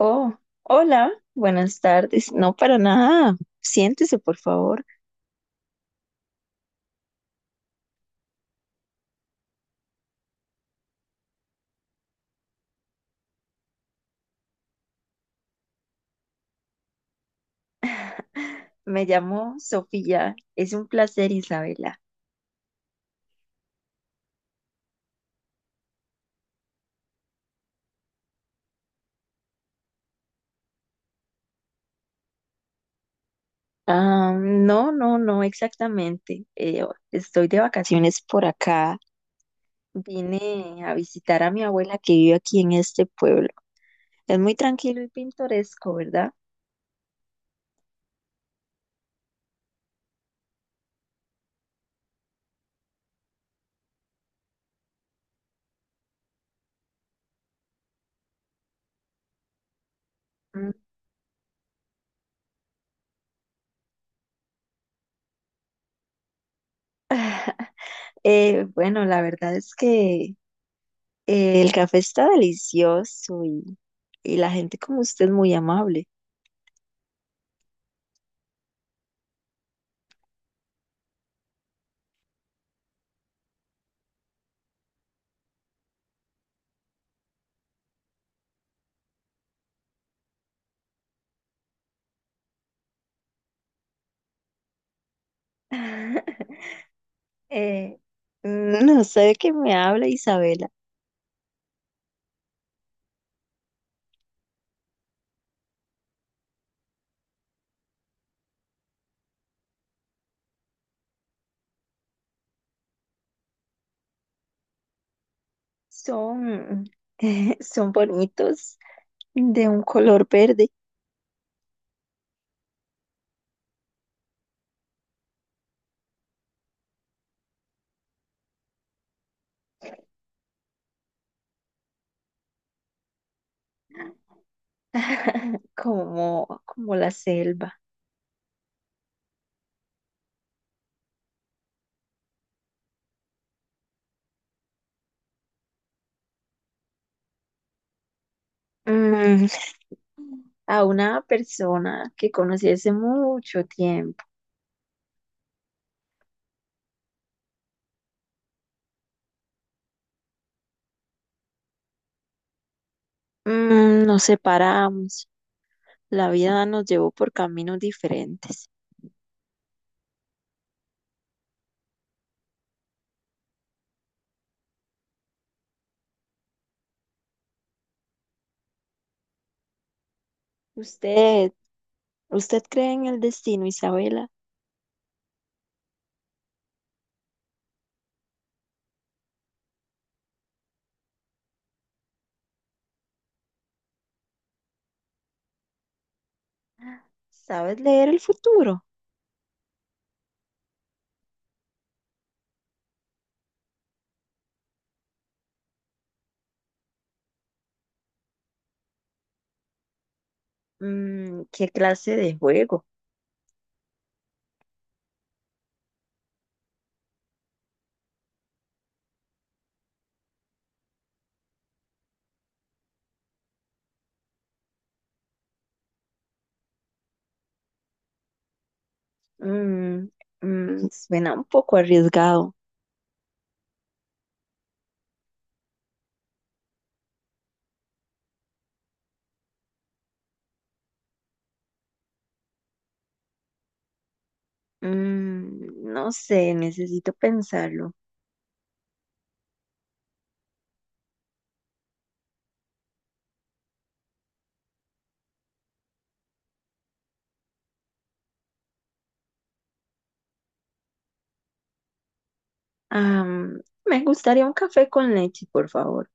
Oh, hola, buenas tardes. No, para nada. Siéntese, por favor. Me llamo Sofía. Es un placer, Isabela. Ah, no, no, no, exactamente. Estoy de vacaciones por acá. Vine a visitar a mi abuela que vive aquí en este pueblo. Es muy tranquilo y pintoresco, ¿verdad? Mm. Bueno, la verdad es que el café está delicioso y la gente como usted es muy amable. Eh, no sé de qué me habla Isabela. Son, son bonitos, de un color verde. Como, como la selva. Mm, a una persona que conocí hace mucho tiempo. Mm, nos separamos. La vida nos llevó por caminos diferentes. ¿Usted, ¿usted cree en el destino, Isabela? ¿Sabes leer el futuro? Mm, ¿qué clase de juego? Mm, mm, suena un poco arriesgado. Mm, no sé, necesito pensarlo. Me gustaría un café con leche, por favor.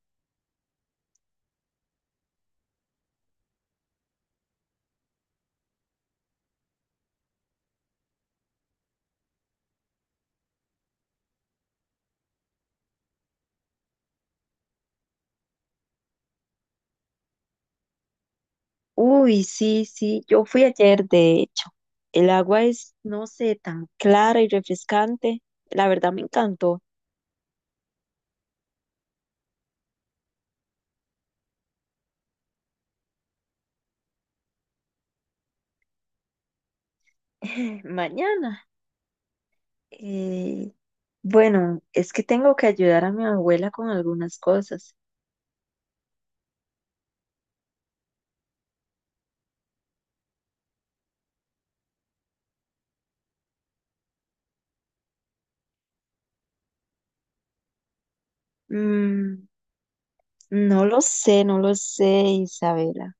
Uy, sí, sí, yo fui ayer, de hecho. El agua es, no sé, tan clara y refrescante. La verdad me encantó. Mañana. eh, bueno, es que tengo que ayudar a mi abuela con algunas cosas. Mm, no lo sé, Isabela.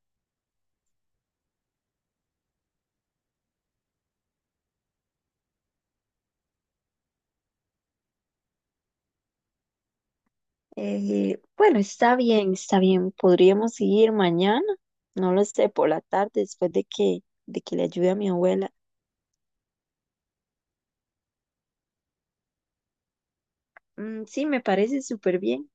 Bueno, está bien, está bien. Podríamos seguir mañana, no lo sé, por la tarde, de que le ayude a mi abuela. Mm, sí, me parece súper bien.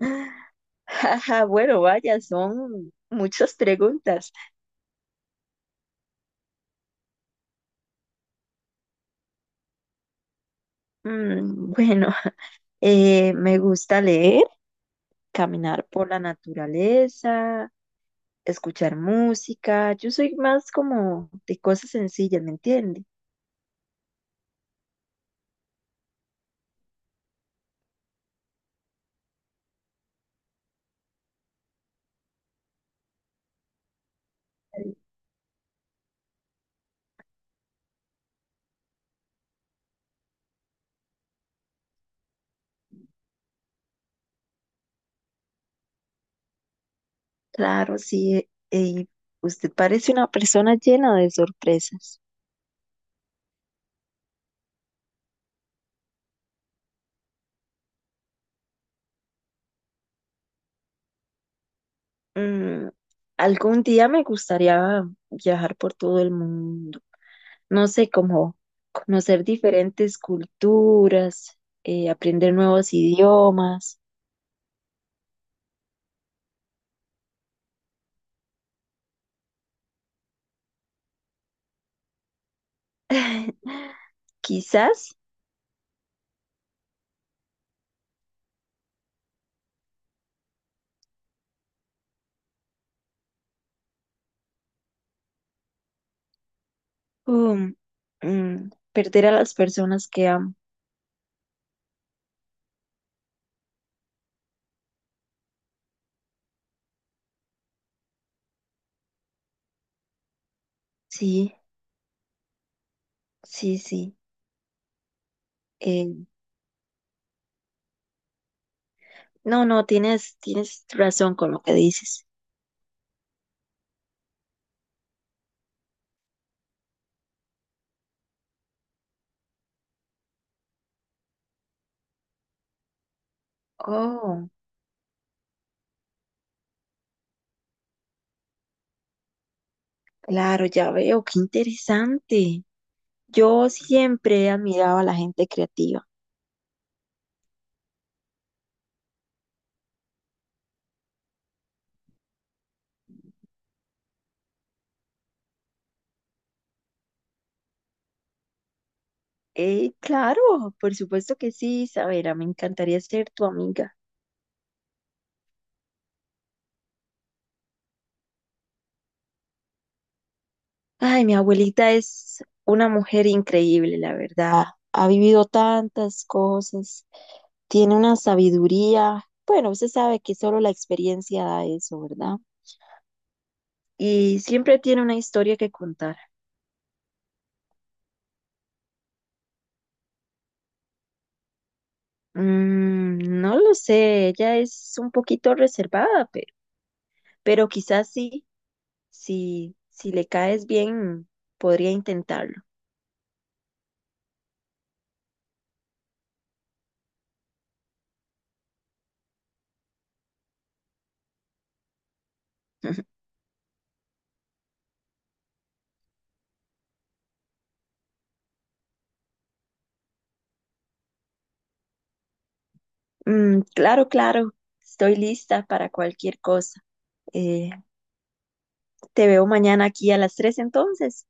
Jaja, bueno, vaya, son muchas preguntas. Mm, bueno, me gusta leer, caminar por la naturaleza, escuchar música. Yo soy más como de cosas sencillas, ¿me entiende? Claro, sí. Y usted parece una persona llena de sorpresas. Mm, algún día me gustaría viajar por todo el mundo. No sé, cómo conocer diferentes culturas, aprender nuevos idiomas, quizás. um, Perder a las personas que amo. Sí, sí, sí. Eh, no, no, tienes razón con lo que dices. Oh, claro, ya veo, qué interesante. Yo siempre he admirado a la gente creativa. Claro, por supuesto que sí, Isabela, me encantaría ser tu amiga. Ay, mi abuelita es una mujer increíble, la verdad. Ha vivido tantas cosas, tiene una sabiduría. Bueno, usted sabe que solo la experiencia da eso, ¿verdad? Y siempre tiene una historia que contar. Mm, no lo sé, ella es un poquito reservada, pero quizás sí, si le caes bien, podría intentarlo. Mm, claro, claro, estoy lista para cualquier cosa. Eh, Te veo mañana aquí a las 3 entonces.